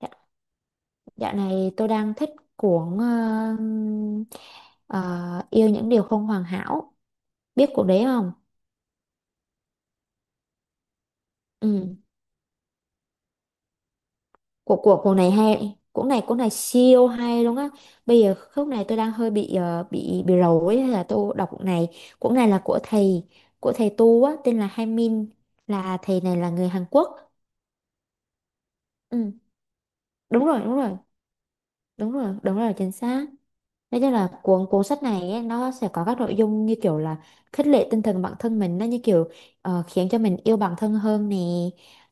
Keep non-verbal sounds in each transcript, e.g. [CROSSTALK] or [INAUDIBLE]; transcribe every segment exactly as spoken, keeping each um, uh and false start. Dạ- Dạo này tôi đang thích cuốn ờ, ờ, Yêu những điều không hoàn hảo. Biết cuốn đấy không? Ừ. Của của cuốn này hay, cuốn này cuốn này siêu hay luôn á. Bây giờ khúc này tôi đang hơi bị ờ, bị bị rầu ấy hay là tôi đọc cuốn này. Cuốn này là của thầy của thầy tu á tên là Hai Min, là thầy này là người Hàn Quốc. Ừ. Đúng rồi, đúng rồi. Đúng rồi, đúng rồi, chính xác. Nói chung là cuốn cuốn sách này ấy, nó sẽ có các nội dung như kiểu là khích lệ tinh thần bản thân mình, nó như kiểu ờ, khiến cho mình yêu bản thân hơn nè,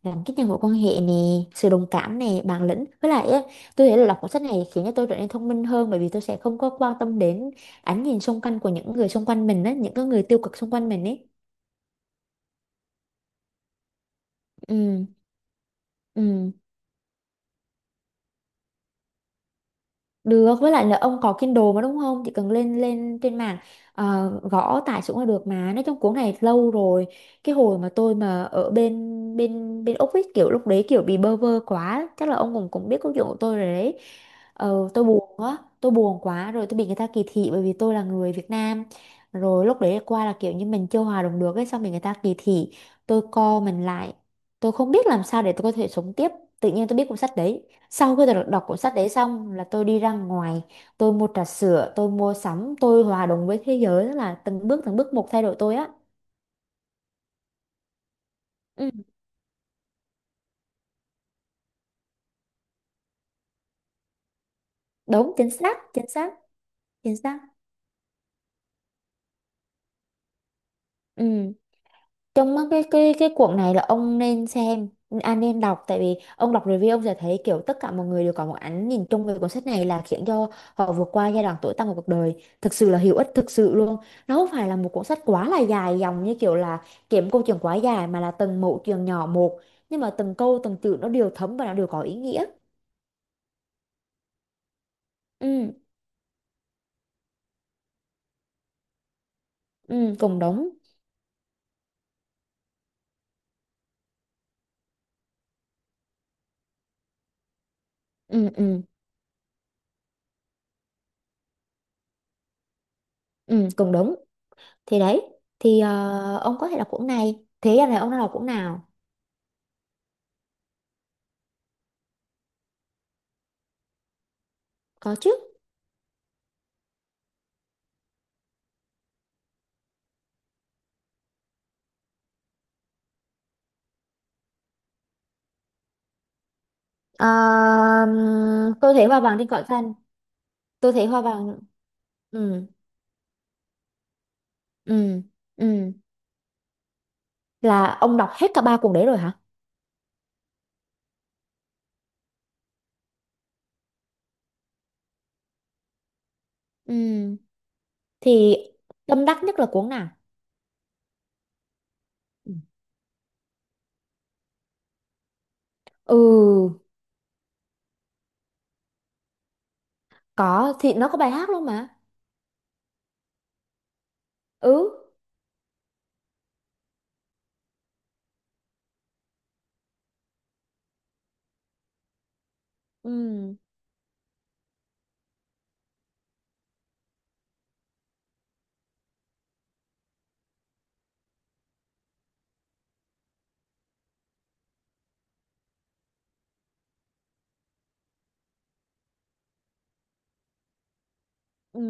làm kích nhân mối quan hệ nè, sự đồng cảm nè, bản lĩnh với lại ấy, tôi thấy là đọc cuốn sách này khiến cho tôi trở nên thông minh hơn, bởi vì tôi sẽ không có quan tâm đến ánh nhìn xung quanh của những người xung quanh mình á, những cái người tiêu cực xung quanh mình ấy. Ừ ừ. Được, với lại là ông có Kindle mà đúng không? Chỉ cần lên lên trên mạng, ờ, gõ tải xuống là được mà. Nói chung cuốn này lâu rồi. Cái hồi mà tôi mà ở bên bên bên Úc ấy, kiểu lúc đấy kiểu bị bơ vơ quá, chắc là ông cũng cũng biết câu chuyện của tôi rồi đấy. Ờ, tôi buồn quá, tôi buồn quá rồi tôi bị người ta kỳ thị bởi vì tôi là người Việt Nam. Rồi lúc đấy qua là kiểu như mình chưa hòa đồng được ấy, xong bị người ta kỳ thị. Tôi co mình lại. Tôi không biết làm sao để tôi có thể sống tiếp. Tự nhiên tôi biết cuốn sách đấy. Sau khi đọc, đọc cuốn sách đấy xong là tôi đi ra ngoài, tôi mua trà sữa, tôi mua sắm, tôi hòa đồng với thế giới, tức là từng bước từng bước một thay đổi tôi á. Ừ, đúng, chính xác, chính xác, chính xác. Ừ. Trong mắt cái cái cái cuộn này là ông nên xem, anh nên đọc, tại vì ông đọc review ông sẽ thấy kiểu tất cả mọi người đều có một ánh nhìn chung về cuốn sách này là khiến cho họ vượt qua giai đoạn tối tăm của cuộc đời, thực sự là hữu ích, thực sự luôn. Nó không phải là một cuốn sách quá là dài dòng như kiểu là kiếm câu chuyện quá dài, mà là từng mẩu chuyện nhỏ một, nhưng mà từng câu từng chữ nó đều thấm và nó đều có ý nghĩa. Ừ, ừ cùng đúng. Ừ ừ ừ, cùng đúng. Thì đấy, thì ờ, ông có thể đọc cuốn này. Thế giờ này ông đã đọc cuốn nào? Có chứ. Ờ, tôi thấy hoa vàng trên cỏ xanh, tôi thấy hoa vàng. Ừ. ừ ừ là ông đọc hết cả ba cuốn đấy rồi hả? Ừ thì tâm đắc nhất là cuốn nào? Ừ, có thì nó có bài hát luôn mà. Ừ ừ ừ.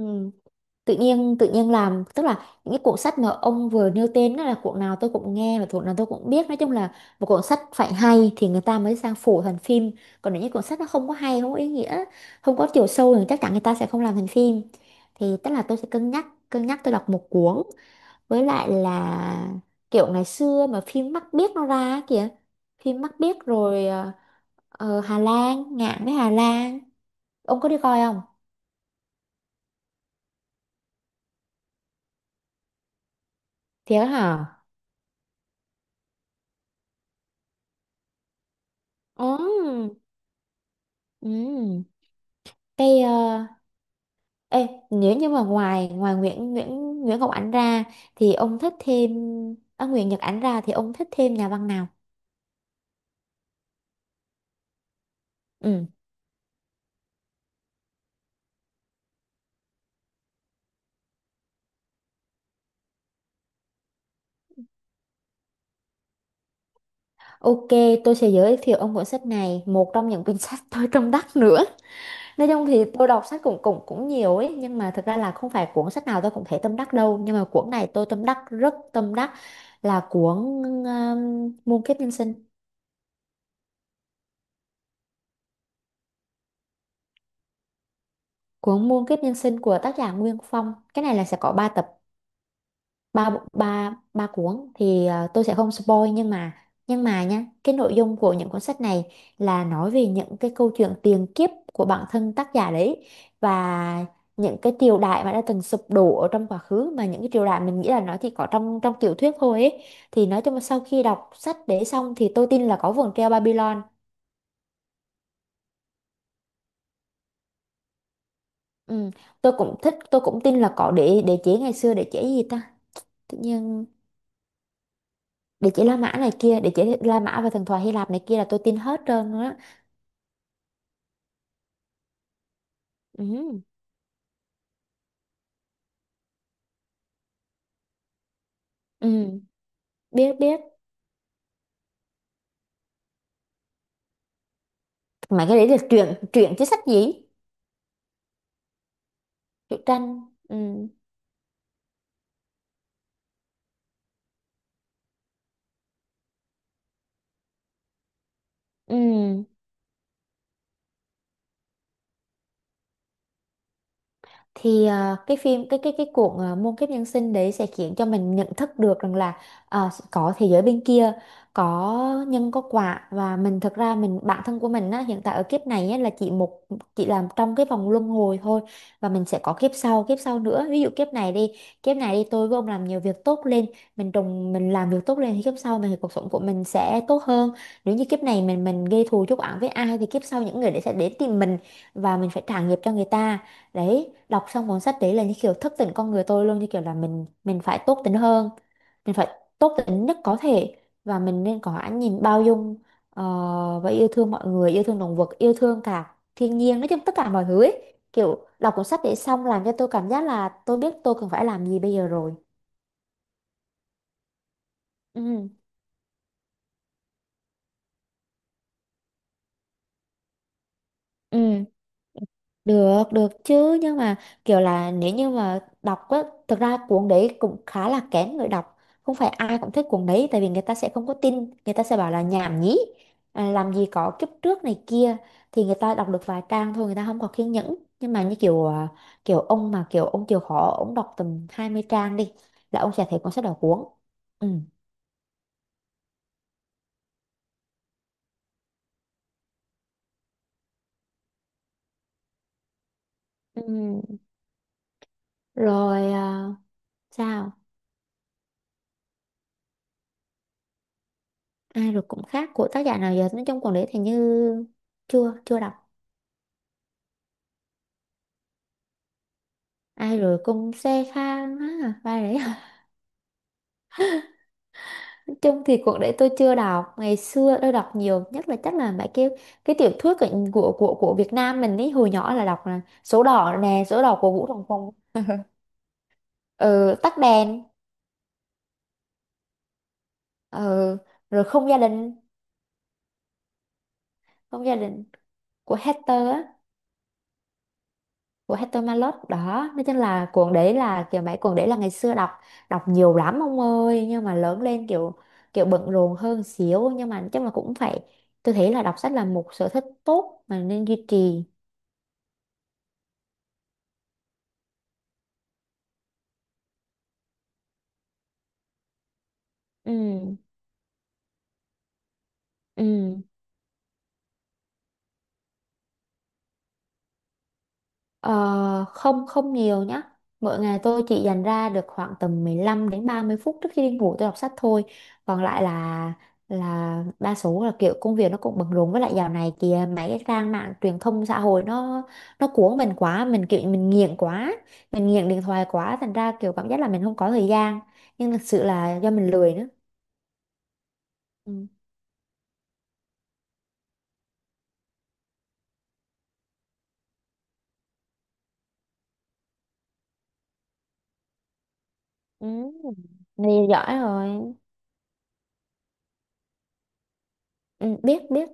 Tự nhiên tự nhiên làm, tức là những cái cuộn sách mà ông vừa nêu tên đó là cuộn nào tôi cũng nghe và cuộn nào tôi cũng biết. Nói chung là một cuộn sách phải hay thì người ta mới sang phổ thành phim, còn nếu như cuộn sách nó không có hay, không có ý nghĩa, không có chiều sâu thì chắc chắn người ta sẽ không làm thành phim. Thì tức là tôi sẽ cân nhắc cân nhắc tôi đọc một cuốn. Với lại là kiểu ngày xưa mà phim Mắt Biếc nó ra á kìa, phim Mắt Biếc, rồi ờ, ờ, Hà Lan Ngạn với Hà Lan. Ông có đi coi không? Thiệt hả? Ừ ừ Cái ờ, ê, nếu như mà ngoài ngoài Nguyễn Nguyễn Nguyễn Ngọc Ánh ra thì ông thích thêm, à, Nguyễn Nhật Ánh ra thì ông thích thêm nhà văn nào? Ừ. Ok, tôi sẽ giới thiệu ông cuốn sách này, một trong những cuốn sách [LAUGHS] tôi tâm đắc nữa. Nói chung thì tôi đọc sách cũng cũng cũng nhiều ấy, nhưng mà thực ra là không phải cuốn sách nào tôi cũng thấy tâm đắc đâu, nhưng mà cuốn này tôi tâm đắc, rất tâm đắc, là cuốn um, Muôn kiếp nhân sinh, cuốn Muôn kiếp nhân sinh của tác giả Nguyên Phong. Cái này là sẽ có ba tập, ba bộ- ba ba cuốn thì à, tôi sẽ không spoil, nhưng mà nhưng mà nhá, cái nội dung của những cuốn sách này là nói về những cái câu chuyện tiền kiếp của bản thân tác giả đấy, và những cái triều đại mà đã từng sụp đổ ở trong quá khứ, mà những cái triều đại mình nghĩ là nó chỉ có trong trong tiểu thuyết thôi ấy. Thì nói chung là sau khi đọc sách để xong thì tôi tin là có vườn treo Babylon. Ừ. Tôi cũng thích, tôi cũng tin là có đế đế chế ngày xưa, đế chế gì ta, tự nhiên đế chế La Mã này kia, đế chế La Mã và thần thoại Hy Lạp này kia là tôi tin hết trơn nữa. Ừ. Ừ. Biết, biết. Mà cái đấy là truyện truyện chứ sách gì? Truyện tranh. Ừ. Ừ. thì ờ, cái phim cái cái cái cuộn ờ, muôn kiếp nhân sinh đấy sẽ khiến cho mình nhận thức được rằng là ờ, có thế giới bên kia, có nhân có quả, và mình, thực ra mình, bản thân của mình á, hiện tại ở kiếp này á, là chỉ một, chỉ làm trong cái vòng luân hồi thôi, và mình sẽ có kiếp sau, kiếp sau nữa. Ví dụ kiếp này đi, kiếp này đi tôi với ông làm nhiều việc tốt lên, mình trồng mình làm việc tốt lên thì kiếp sau mình, thì cuộc sống của mình sẽ tốt hơn. Nếu như kiếp này mình mình gây thù chuốc oán với ai thì kiếp sau những người đấy sẽ đến tìm mình và mình phải trả nghiệp cho người ta. Đấy, đọc xong cuốn sách đấy là như kiểu thức tỉnh con người tôi luôn, như kiểu là mình mình phải tốt tính hơn, mình phải tốt tính nhất có thể, và mình nên có ánh nhìn bao dung, ờ, và yêu thương mọi người, yêu thương động vật, yêu thương cả thiên nhiên, nói chung tất cả mọi thứ ấy. Kiểu đọc cuốn sách đấy xong làm cho tôi cảm giác là tôi biết tôi cần phải làm gì bây giờ rồi. Ừ. Ừ. Được, được chứ, nhưng mà kiểu là nếu như mà đọc á, thực ra cuốn đấy cũng khá là kén người đọc, không phải ai cũng thích cuốn đấy, tại vì người ta sẽ không có tin, người ta sẽ bảo là nhảm nhí, à, làm gì có kiếp trước này kia, thì người ta đọc được vài trang thôi, người ta không có kiên nhẫn, nhưng mà như kiểu à, kiểu ông mà kiểu ông chịu khó ông đọc tầm hai mươi trang đi là ông sẽ thấy cuốn sách đó cuốn. Ừ. Ừ. Rồi à, sao ai rồi cũng khác của tác giả nào giờ, nói chung cuốn đấy thì như chưa chưa đọc. Ai rồi cũng xe khang á ba đấy [LAUGHS] nói chung thì cuộc đấy tôi chưa đọc, ngày xưa tôi đọc nhiều nhất là chắc là mấy cái cái tiểu thuyết của của của, của Việt Nam mình ấy, hồi nhỏ là đọc là số đỏ nè, số đỏ của Vũ Đồng Phùng. Ừ, tắt đèn. Ừ, rồi không gia đình, không gia đình của Hector á, của Hector Malot đó. Nói chung là cuốn đấy là kiểu mấy cuốn đấy là ngày xưa đọc, đọc nhiều lắm ông ơi, nhưng mà lớn lên kiểu, kiểu bận rộn hơn xíu, nhưng mà chắc là cũng phải, tôi thấy là đọc sách là một sở thích tốt mà nên duy trì. Ừ. ừ Ờ, không không nhiều nhá. Mỗi ngày tôi chỉ dành ra được khoảng tầm mười lăm đến ba mươi phút trước khi đi ngủ tôi đọc sách thôi. Còn lại là là đa số là kiểu công việc nó cũng bận rộn, với lại dạo này kìa mấy cái trang mạng truyền thông xã hội nó nó cuốn mình quá, mình kiểu mình nghiện quá, mình nghiện điện thoại quá thành ra kiểu cảm giác là mình không có thời gian. Nhưng thực sự là do mình lười nữa. Ừ. Ừ. Này giỏi rồi. Ừ, biết biết.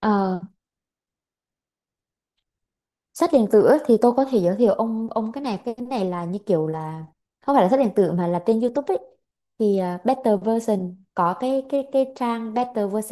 Ờ, sách điện tử á, thì tôi có thể giới thiệu ông, ông cái này, cái này là như kiểu là không phải là sách điện tử mà là trên YouTube ấy, thì à, Better Version, có cái cái cái trang Better Version.